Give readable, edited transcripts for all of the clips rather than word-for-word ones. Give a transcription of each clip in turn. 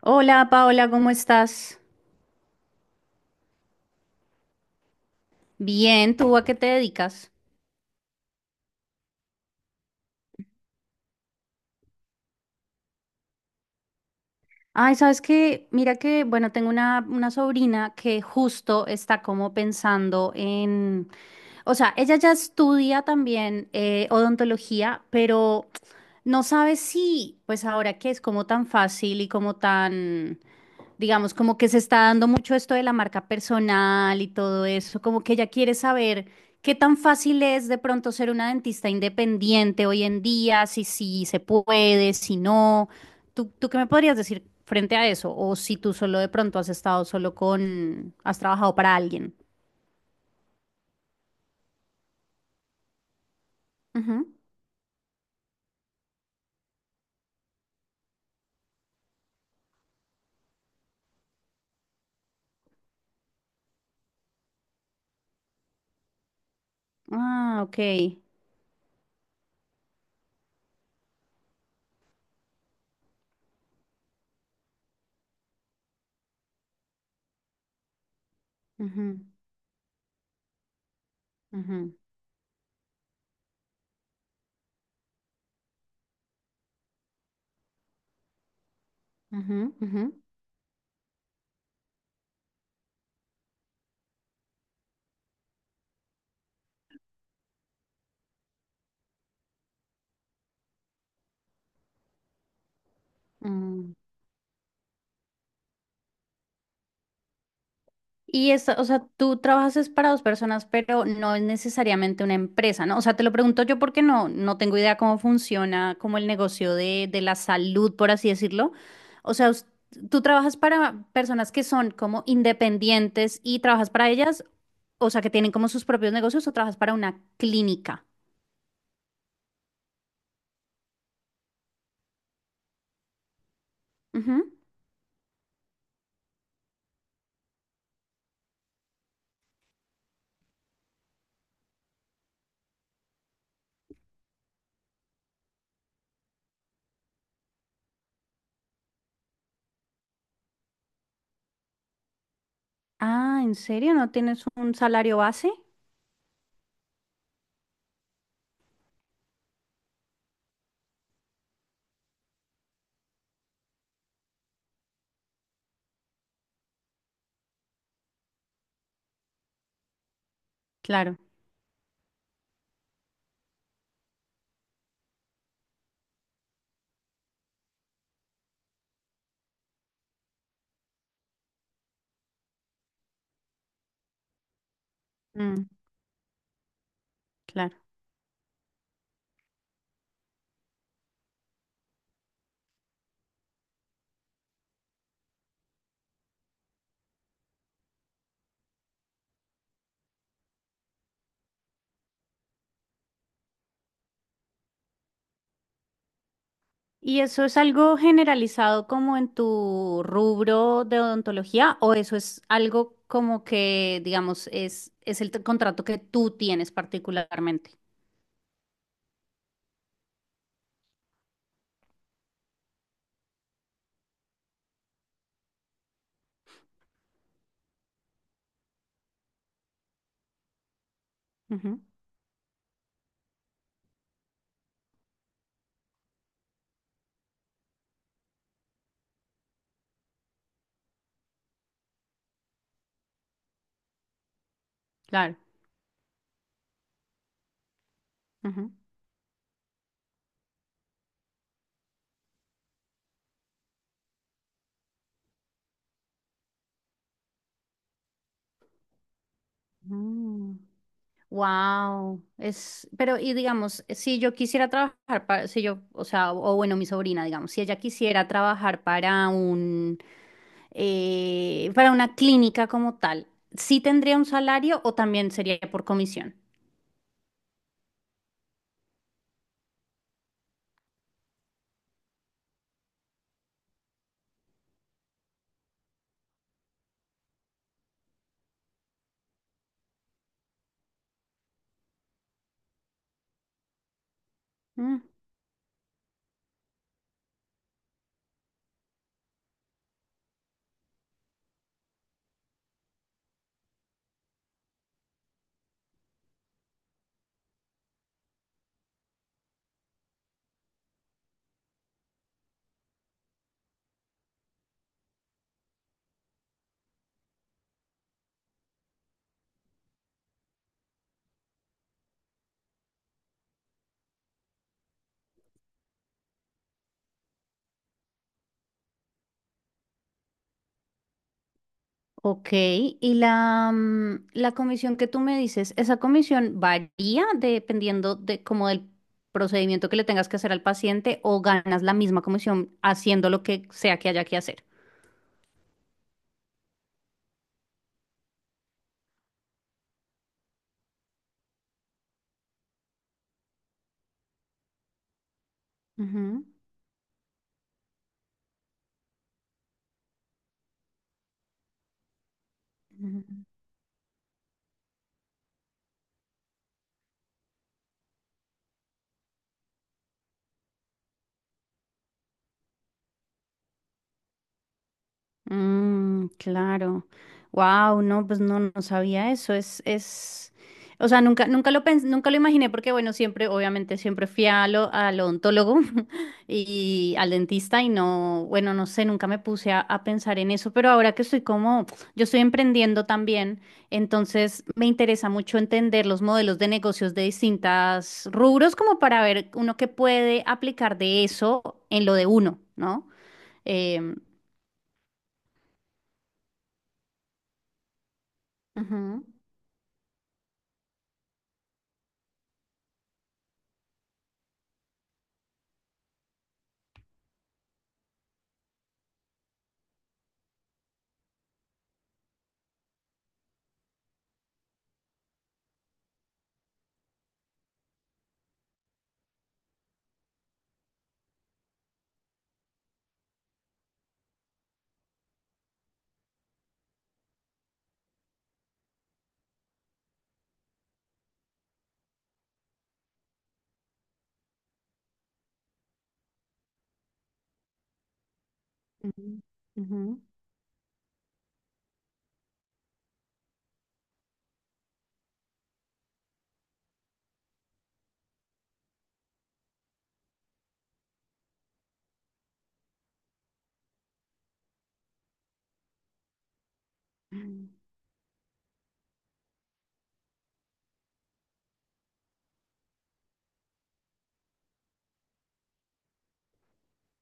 Hola Paola, ¿cómo estás? Bien, ¿tú a qué te dedicas? Ay, sabes que, mira que, bueno, tengo una sobrina que justo está como pensando en, o sea, ella ya estudia también odontología, pero no sabe si, pues ahora que es como tan fácil y como tan digamos, como que se está dando mucho esto de la marca personal y todo eso, como que ella quiere saber qué tan fácil es de pronto ser una dentista independiente hoy en día, si sí se puede, si no. ¿Tú qué me podrías decir frente a eso? O si tú solo de pronto has estado solo con, has trabajado para alguien. Ujú. Ah, ok. Ujú, ujú, ujú, ujú, mm. Y esta, o sea, tú trabajas es para dos personas, pero no es necesariamente una empresa, ¿no? O sea, te lo pregunto yo porque no tengo idea cómo funciona como el negocio de la salud, por así decirlo. O sea, tú trabajas para personas que son como independientes y trabajas para ellas, o sea, que tienen como sus propios negocios o trabajas para una clínica. Ujú. Ah, ¿en serio? ¿No tienes un salario base? Claro. Mm, claro. ¿Y eso es algo generalizado como en tu rubro de odontología o eso es algo como que, digamos, es, contrato que tú tienes particularmente? Ujú, claro. Wow. Es, pero, y digamos, si yo quisiera trabajar para, si yo, o sea, o bueno, mi sobrina, digamos, si ella quisiera trabajar para un, para una clínica como tal, ¿sí tendría un salario o también sería por comisión? Ok, y la, mm, la comisión que tú me dices, ¿esa comisión varía dependiendo de como del procedimiento que le tengas que hacer al paciente o ganas la misma comisión haciendo lo que sea que haya que hacer? Ujú, ujú. Mm, claro. Wow, no, pues no, no sabía eso. Es, o sea, nunca, nunca lo imaginé porque, bueno, siempre, obviamente, siempre fui a lo, al odontólogo y al dentista y no, bueno, no sé, nunca me puse a pensar en eso, pero ahora que estoy como, yo estoy emprendiendo también, entonces me interesa mucho entender los modelos de negocios de distintas rubros como para ver uno que puede aplicar de eso en lo de uno, ¿no? Em, ujú. Ujú, ujú.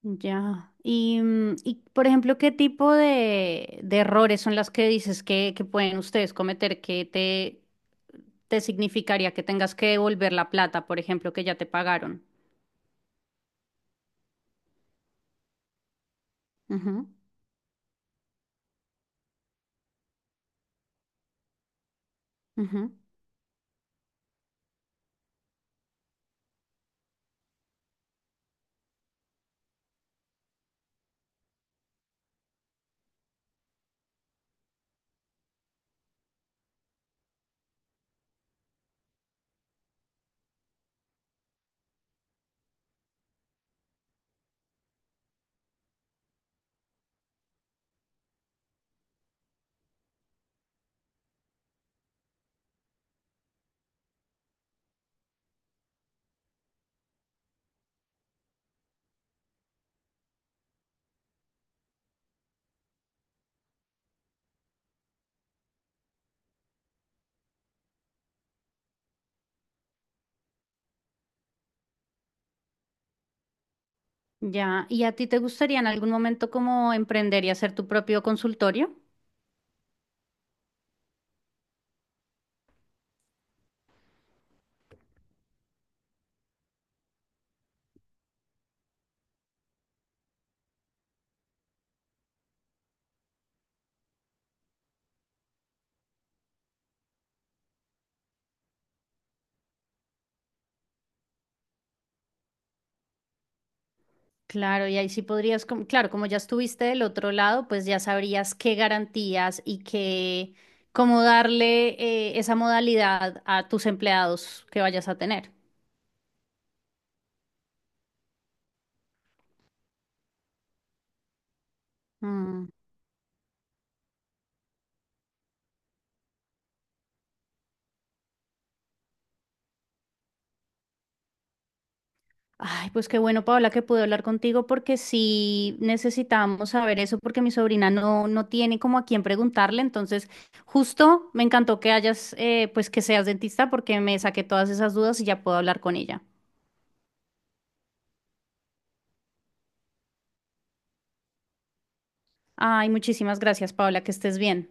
Ya. Y, mm, y, por ejemplo, ¿qué tipo de errores son las que dices que pueden ustedes cometer que te significaría que tengas que devolver la plata, por ejemplo, que ya te pagaron? Ujú, ujú. Ya. ¿Y a ti te gustaría en algún momento como emprender y hacer tu propio consultorio? Claro, y ahí sí podrías, como claro, como ya estuviste del otro lado, pues ya sabrías qué garantías y qué, cómo darle esa modalidad a tus empleados que vayas a tener. Mm. Ay, pues qué bueno, Paola, que pude hablar contigo porque sí necesitamos saber eso porque mi sobrina no, no tiene como a quién preguntarle. Entonces, justo me encantó que hayas, pues que seas dentista porque me saqué todas esas dudas y ya puedo hablar con ella. Ay, muchísimas gracias, Paola, que estés bien.